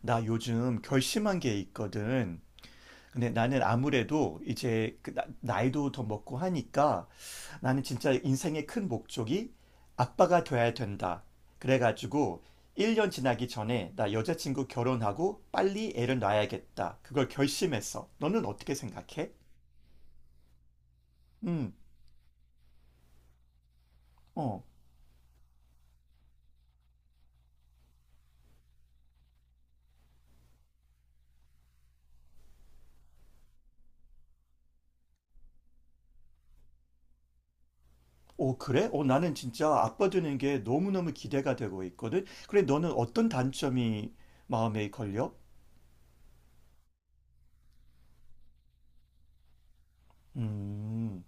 나 요즘 결심한 게 있거든. 근데 나는 아무래도 이제 그 나이도 더 먹고 하니까 나는 진짜 인생의 큰 목적이 아빠가 돼야 된다. 그래가지고 1년 지나기 전에 나 여자친구 결혼하고 빨리 애를 낳아야겠다. 그걸 결심했어. 너는 어떻게 생각해? 음. 어. 오, 그래? 어, 나는 진짜 아빠 되는 게 너무너무 기대가 되고 있거든. 그래, 너는 어떤 단점이 마음에 걸려? 음.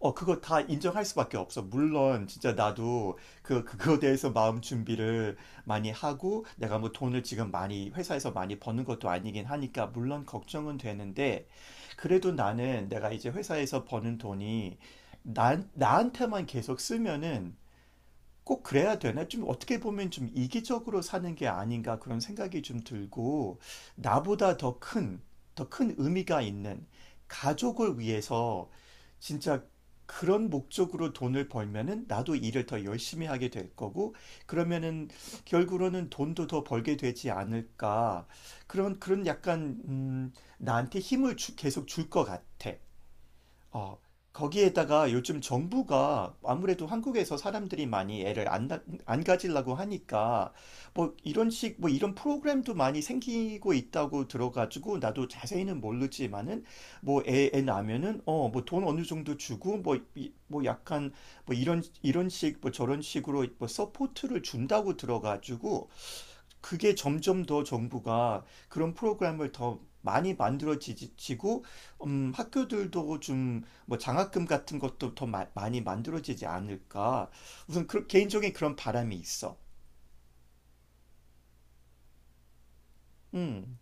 어, 그거 다 인정할 수밖에 없어. 물론, 진짜 나도 그거에 대해서 마음 준비를 많이 하고, 내가 뭐 돈을 지금 많이, 회사에서 많이 버는 것도 아니긴 하니까, 물론 걱정은 되는데, 그래도 나는 내가 이제 회사에서 버는 돈이 나한테만 계속 쓰면은 꼭 그래야 되나? 좀 어떻게 보면 좀 이기적으로 사는 게 아닌가 그런 생각이 좀 들고, 나보다 더 큰, 더 큰 의미가 있는 가족을 위해서 진짜 그런 목적으로 돈을 벌면은 나도 일을 더 열심히 하게 될 거고, 그러면은 결국으로는 돈도 더 벌게 되지 않을까. 그런 약간, 나한테 힘을 계속 줄 것 같아. 어, 거기에다가 요즘 정부가 아무래도 한국에서 사람들이 많이 애를 안 가지려고 하니까 뭐 이런 프로그램도 많이 생기고 있다고 들어가지고 나도 자세히는 모르지만은 뭐 애 낳으면은 뭐 돈 어느 정도 주고 뭐 약간 뭐 이런 식, 뭐 저런 식으로 뭐 서포트를 준다고 들어가지고 그게 점점 더 정부가 그런 프로그램을 더 많이 만들어지고, 학교들도 좀 뭐 장학금 같은 것도 더 많이 만들어지지 않을까. 우선 그, 개인적인 그런 바람이 있어. 음.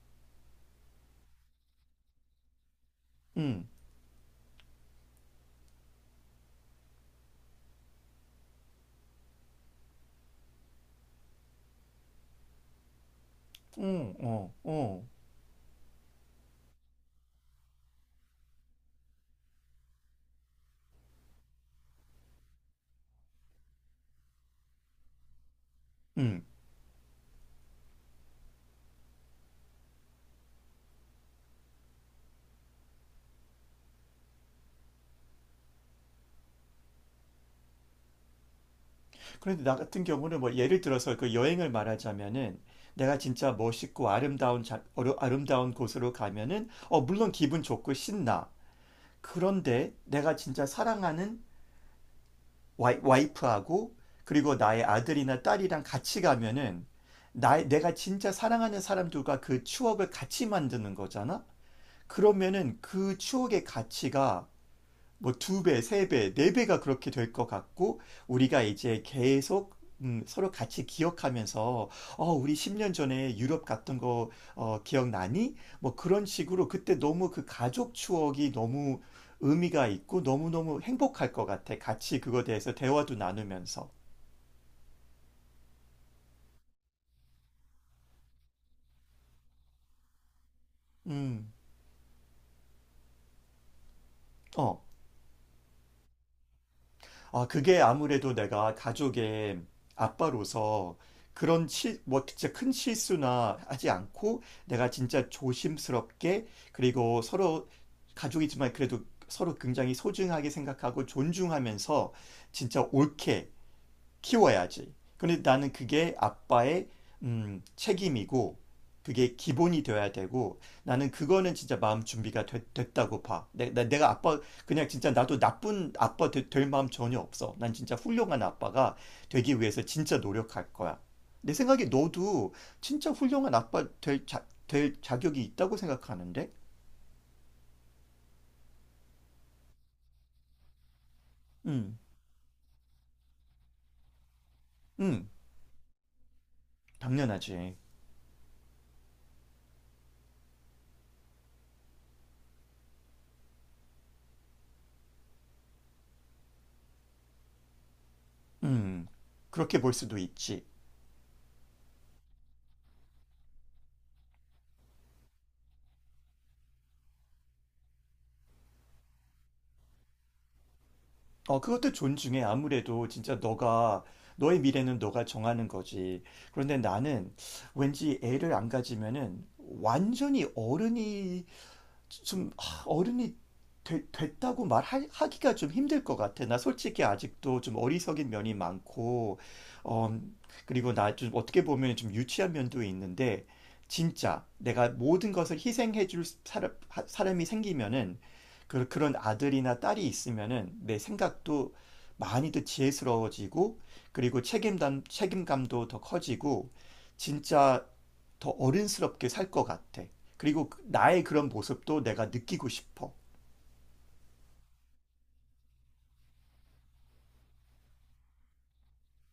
음. 음. 어. 어. 음. 그런데 나 같은 경우는 뭐 예를 들어서 그 여행을 말하자면은 내가 진짜 멋있고 아름다운 아름다운 곳으로 가면은 어, 물론 기분 좋고 신나. 그런데 내가 진짜 사랑하는 와이프하고 그리고 나의 아들이나 딸이랑 같이 가면은 내가 진짜 사랑하는 사람들과 그 추억을 같이 만드는 거잖아? 그러면은 그 추억의 가치가 뭐 두 배, 세 배, 네 배가 그렇게 될 것 같고 우리가 이제 계속 서로 같이 기억하면서 어, 우리 10년 전에 유럽 갔던 거 어, 기억나니? 뭐 그런 식으로 그때 너무 그 가족 추억이 너무 의미가 있고 너무너무 행복할 것 같아. 같이 그거에 대해서 대화도 나누면서. 음. 어. 아, 그게 아무래도 내가 가족의 아빠로서 그런 뭐 진짜 큰 실수나 하지 않고 내가 진짜 조심스럽게 그리고 서로 가족이지만 그래도 서로 굉장히 소중하게 생각하고 존중하면서 진짜 옳게 키워야지. 근데 나는 그게 아빠의 책임이고 그게 기본이 되어야 되고 나는 그거는 진짜 마음 준비가 됐다고 봐. 내가 아빠 그냥 진짜 나도 나쁜 아빠 될 마음 전혀 없어. 난 진짜 훌륭한 아빠가 되기 위해서 진짜 노력할 거야. 내 생각에 너도 진짜 훌륭한 아빠 될 자격이 있다고 생각하는데? 음. 음. 당연하지. 음, 그렇게 볼 수도 있지. 어, 그것도 존중해. 아무래도 진짜 너의 미래는 너가 정하는 거지. 그런데 나는 왠지 애를 안 가지면은 완전히 어른이 좀 어른이 됐다고 말하기가 좀 힘들 것 같아. 나 솔직히 아직도 좀 어리석인 면이 많고, 어, 그리고 나 좀 어떻게 보면 좀 유치한 면도 있는데, 진짜 내가 모든 것을 희생해 줄 사람이 생기면은, 그런 아들이나 딸이 있으면은 내 생각도 많이 더 지혜스러워지고, 그리고 책임감도 더 커지고, 진짜 더 어른스럽게 살 것 같아. 그리고 나의 그런 모습도 내가 느끼고 싶어.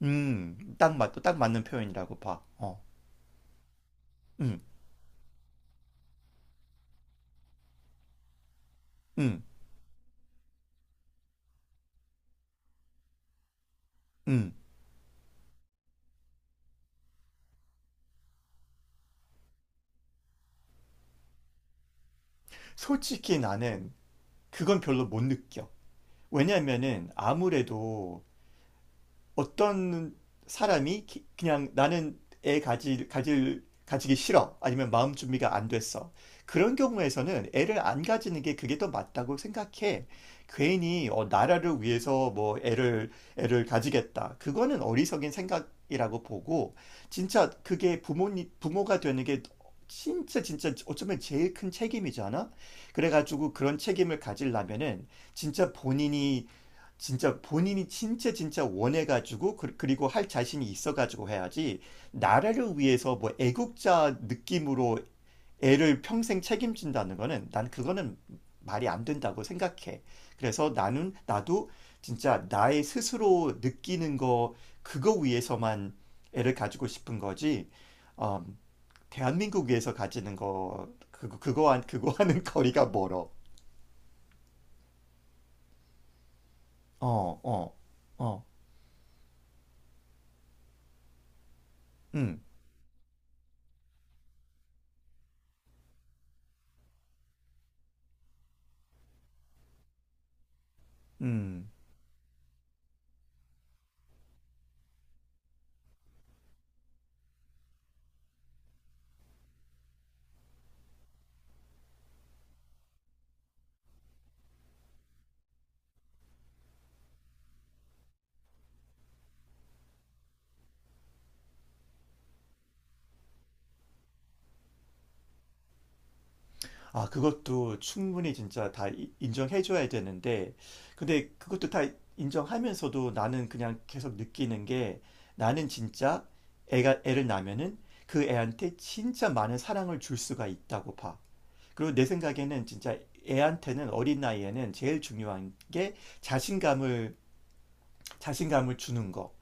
딱 맞는 표현이라고 봐. 어. 음. 음. 음. 솔직히 나는 그건 별로 못 느껴. 왜냐면은 아무래도 어떤 사람이 그냥 나는 애 가지기 싫어. 아니면 마음 준비가 안 됐어. 그런 경우에서는 애를 안 가지는 게 그게 더 맞다고 생각해. 괜히 나라를 위해서 뭐 애를 가지겠다. 그거는 어리석인 생각이라고 보고, 진짜 그게 부모가 되는 게 진짜 진짜 어쩌면 제일 큰 책임이잖아? 그래가지고 그런 책임을 가지려면은 진짜 본인이 진짜 본인이 진짜 진짜 원해가지고 그리고 할 자신이 있어가지고 해야지 나라를 위해서 뭐 애국자 느낌으로 애를 평생 책임진다는 거는 난 그거는 말이 안 된다고 생각해. 그래서 나는 나도 진짜 나의 스스로 느끼는 거 그거 위해서만 애를 가지고 싶은 거지. 어, 대한민국 위해서 가지는 거 그거 한 그거 하는 거리가 멀어. 어. 어. 어. 음. 음. 아, 그것도 충분히 진짜 다 인정해줘야 되는데, 근데 그것도 다 인정하면서도 나는 그냥 계속 느끼는 게 나는 진짜 애를 낳으면은 그 애한테 진짜 많은 사랑을 줄 수가 있다고 봐. 그리고 내 생각에는 진짜 애한테는 어린 나이에는 제일 중요한 게 자신감을, 자신감을 주는 거.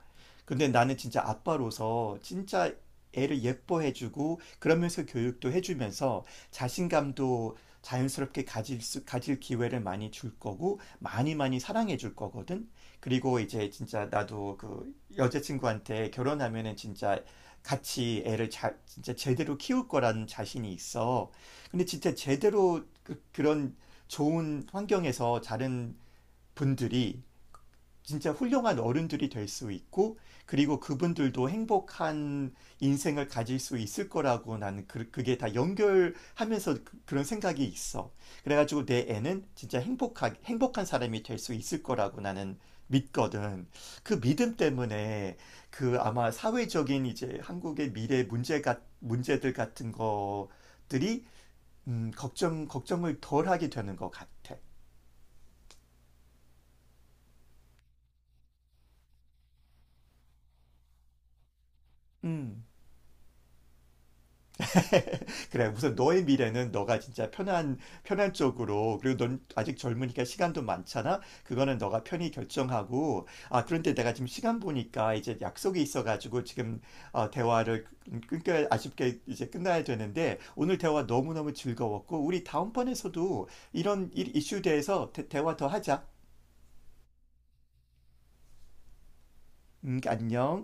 근데 나는 진짜 아빠로서 진짜 애를 예뻐해주고 그러면서 교육도 해주면서 자신감도 자연스럽게 가질 기회를 많이 줄 거고 많이 많이 사랑해 줄 거거든. 그리고 이제 진짜 나도 그 여자친구한테 결혼하면은 진짜 같이 애를 잘 진짜 제대로 키울 거라는 자신이 있어. 근데 진짜 제대로 그런 좋은 환경에서 자른 분들이 진짜 훌륭한 어른들이 될 수 있고, 그리고 그분들도 행복한 인생을 가질 수 있을 거라고 나는 그게 다 연결하면서 그런 생각이 있어. 그래가지고 내 애는 진짜 행복한 사람이 될 수 있을 거라고 나는 믿거든. 그 믿음 때문에 그 아마 사회적인 이제 한국의 미래 문제들 같은 것들이, 걱정을 덜 하게 되는 것 같아. 음. 그래, 우선 너의 미래는 너가 진짜 편한 쪽으로, 그리고 넌 아직 젊으니까 시간도 많잖아? 그거는 너가 편히 결정하고, 아, 그런데 내가 지금 시간 보니까 이제 약속이 있어가지고 지금 대화를 끊겨, 아쉽게 이제 끝나야 되는데, 오늘 대화 너무너무 즐거웠고, 우리 다음번에서도 이런 이슈에 대해서 대화 더 하자. 안녕.